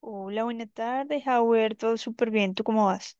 Hola, buenas tardes, Howard. Todo súper bien. ¿Tú cómo vas?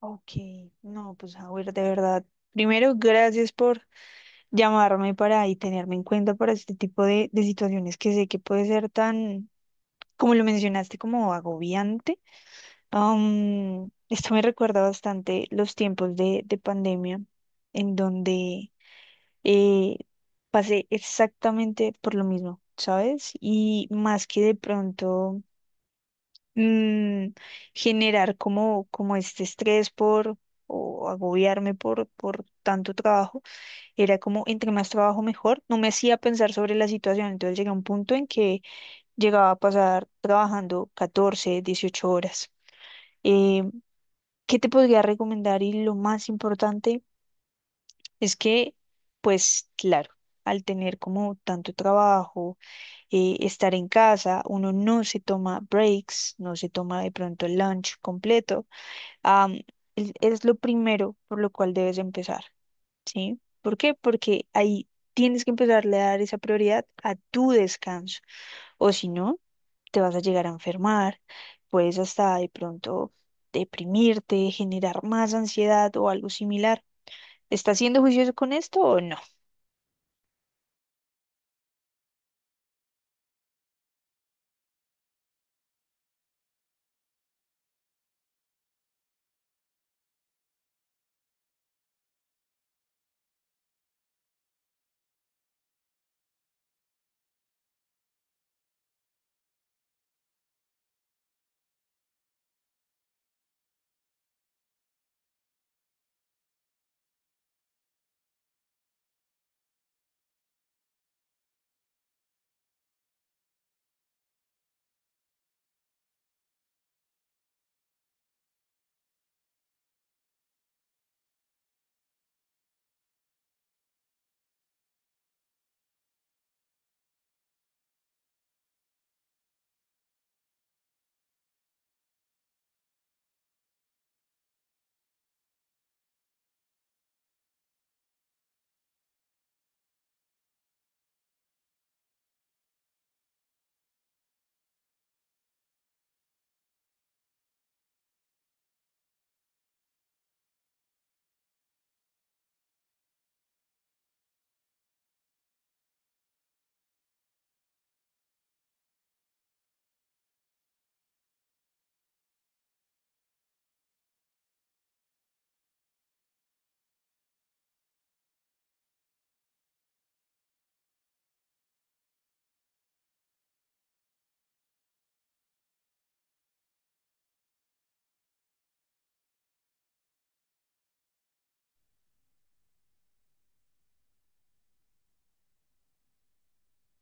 Ok, no, pues Howard, de verdad. Primero, gracias por llamarme para tenerme en cuenta para este tipo de situaciones que sé que puede ser tan, como lo mencionaste, como agobiante. Esto me recuerda bastante los tiempos de pandemia, en donde eh, pasé exactamente por lo mismo, ¿sabes? Y más que de pronto. mm, Generar como este estrés por o agobiarme por tanto trabajo. Era como entre más trabajo mejor. No me hacía pensar sobre la situación. Entonces llegué a un punto en que llegaba a pasar trabajando 14 a 18 horas. Eh, ¿Qué te podría recomendar? Y lo más importante es que, pues claro, al tener como tanto trabajo, estar en casa, uno no se toma breaks, no se toma de pronto el lunch completo. am, es lo primero por lo cual debes empezar, ¿sí? ¿Por qué? Porque ahí tienes que empezarle a dar esa prioridad a tu descanso, o si no, te vas a llegar a enfermar, puedes hasta de pronto deprimirte, generar más ansiedad o algo similar. ¿Estás siendo juicioso con esto o no?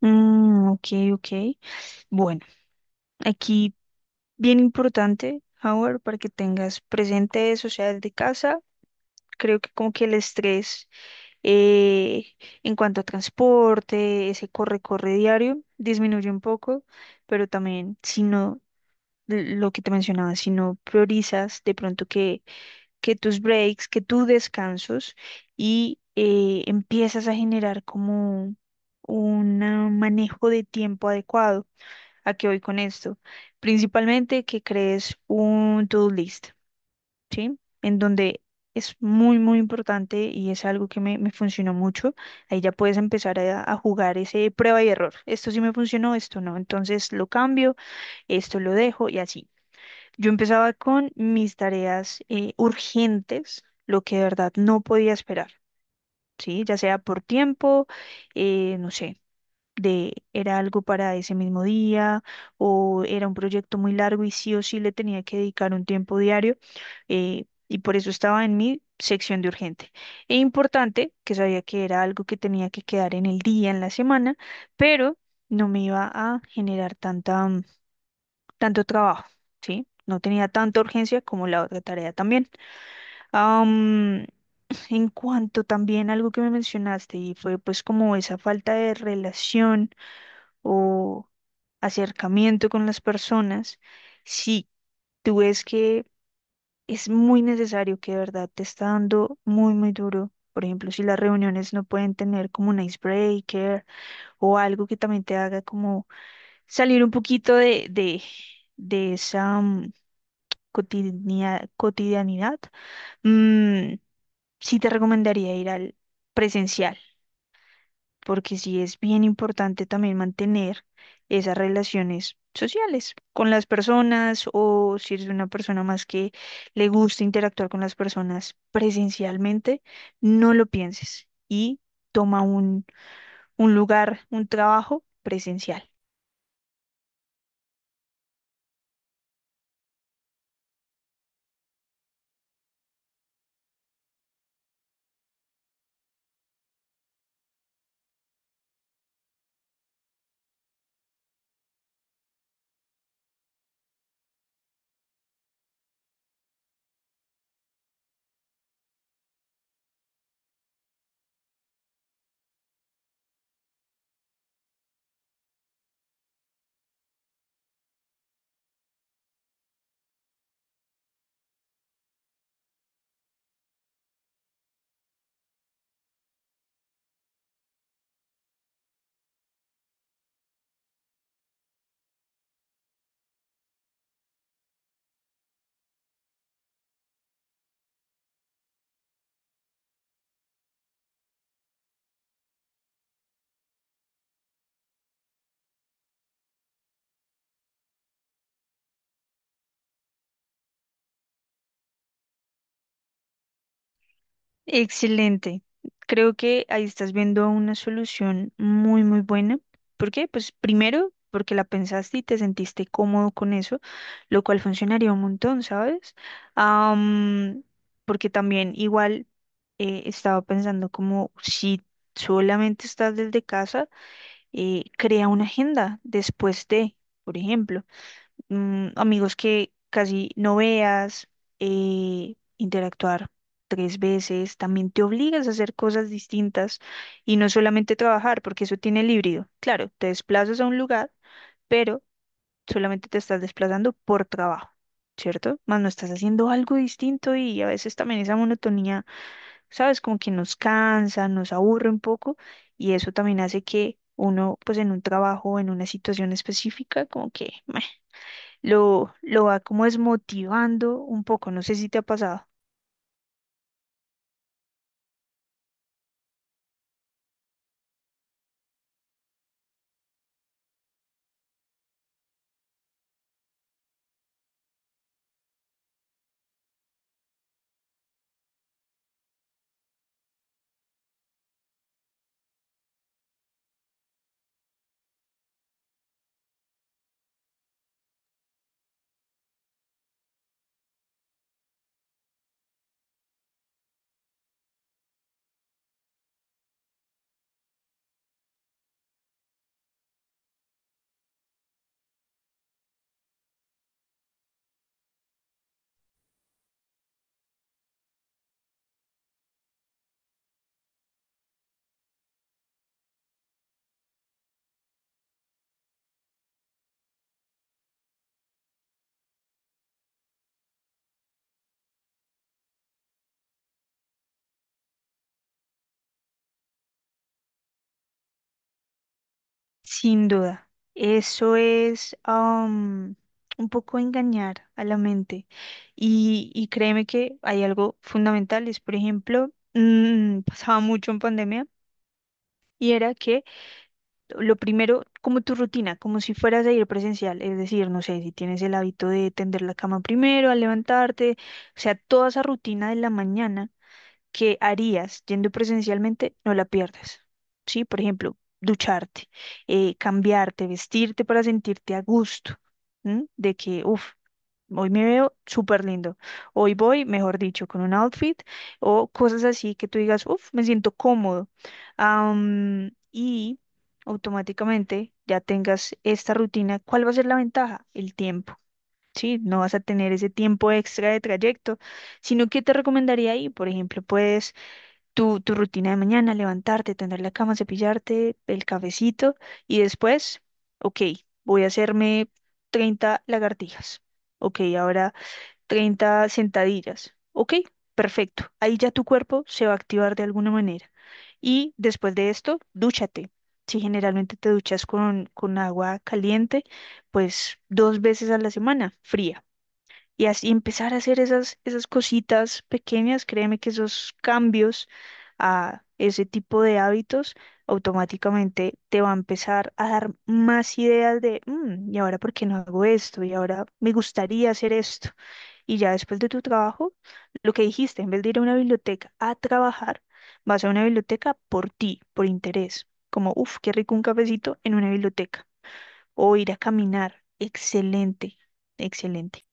Ok, ok. Bueno, aquí bien importante, Howard, para que tengas presente eso, sea desde casa. Creo que como que el estrés eh, en cuanto a transporte, ese corre-corre diario, disminuye un poco, pero también si no, lo que te mencionaba, si no priorizas de pronto que tus breaks, que tus descansos y empiezas a generar como un manejo de tiempo adecuado. ¿A qué voy con esto? Principalmente que crees un to-do list. ¿Sí? En donde es muy, muy importante y es algo que me funcionó mucho. Ahí ya puedes empezar a jugar ese prueba y error. Esto sí me funcionó, esto no. Entonces lo cambio, esto lo dejo y así. Yo empezaba con mis tareas urgentes, lo que de verdad no podía esperar. Sí, ya sea por tiempo, no sé, de era algo para ese mismo día o era un proyecto muy largo y sí o sí le tenía que dedicar un tiempo diario, y por eso estaba en mi sección de urgente e importante, que sabía que era algo que tenía que quedar en el día, en la semana, pero no me iba a generar tanta, tanto trabajo, ¿sí? No tenía tanta urgencia como la otra tarea también. Am, en cuanto también algo que me mencionaste y fue pues como esa falta de relación o acercamiento con las personas, si tú ves que es muy necesario que de verdad te está dando muy, muy duro. Por ejemplo, si las reuniones no pueden tener como un icebreaker o algo que también te haga como salir un poquito de esa cotidianidad, mm, sí te recomendaría ir al presencial porque sí es bien importante también mantener esas relaciones sociales con las personas o si eres una persona más que le gusta interactuar con las personas presencialmente, no lo pienses y toma un lugar, un trabajo presencial. Excelente. Creo que ahí estás viendo una solución muy, muy buena. ¿Por qué? Pues primero, porque la pensaste y te sentiste cómodo con eso, lo cual funcionaría un montón, ¿sabes? Am, Porque también igual estaba pensando como si solamente estás desde casa, crea una agenda después de, por ejemplo amigos que casi no veas, interactuar 3 veces, también te obligas a hacer cosas distintas y no solamente trabajar, porque eso tiene el híbrido. Claro, te desplazas a un lugar, pero solamente te estás desplazando por trabajo, ¿cierto? Más no estás haciendo algo distinto y a veces también esa monotonía, ¿sabes? Como que nos cansa, nos aburre un poco y eso también hace que uno, pues en un trabajo, en una situación específica, como que lo va como desmotivando un poco, no sé si te ha pasado. Sin duda, eso es un poco engañar a la mente. Y créeme que hay algo fundamental, es por ejemplo, pasaba mucho en pandemia y era que lo primero, como tu rutina, como si fueras a ir presencial, es decir, no sé, si tienes el hábito de tender la cama primero, al levantarte, o sea, toda esa rutina de la mañana que harías yendo presencialmente, no la pierdas. ¿Sí? Por ejemplo, ducharte, cambiarte, vestirte para sentirte a gusto, ¿m? De que, uff, hoy me veo súper lindo, hoy voy, mejor dicho, con un outfit o cosas así que tú digas, uff, me siento cómodo. Y automáticamente ya tengas esta rutina, ¿cuál va a ser la ventaja? El tiempo. Sí, no vas a tener ese tiempo extra de trayecto, sino que te recomendaría ahí, por ejemplo, puedes tu rutina de mañana, levantarte, tender la cama, cepillarte, el cafecito y después, ok, voy a hacerme 30 lagartijas. Ok, ahora 30 sentadillas. Ok, perfecto. Ahí ya tu cuerpo se va a activar de alguna manera. Y después de esto, dúchate. Si generalmente te duchas con agua caliente, pues 2 veces a la semana, fría. Y así empezar a hacer esas, esas cositas pequeñas, créeme que esos cambios a ese tipo de hábitos automáticamente te va a empezar a dar más ideas de, "Mm, y ahora por qué no hago esto, y ahora me gustaría hacer esto." Y ya después de tu trabajo, lo que dijiste, en vez de ir a una biblioteca a trabajar, vas a una biblioteca por ti, por interés, como, uff, qué rico un cafecito en una biblioteca, o ir a caminar, excelente, excelente.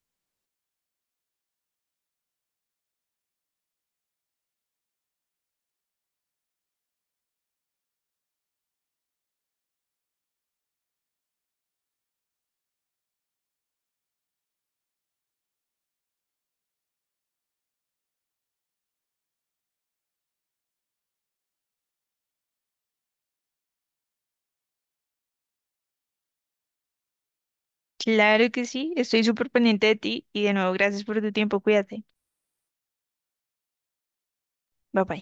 Claro que sí, estoy súper pendiente de ti y de nuevo gracias por tu tiempo, cuídate. Bye bye.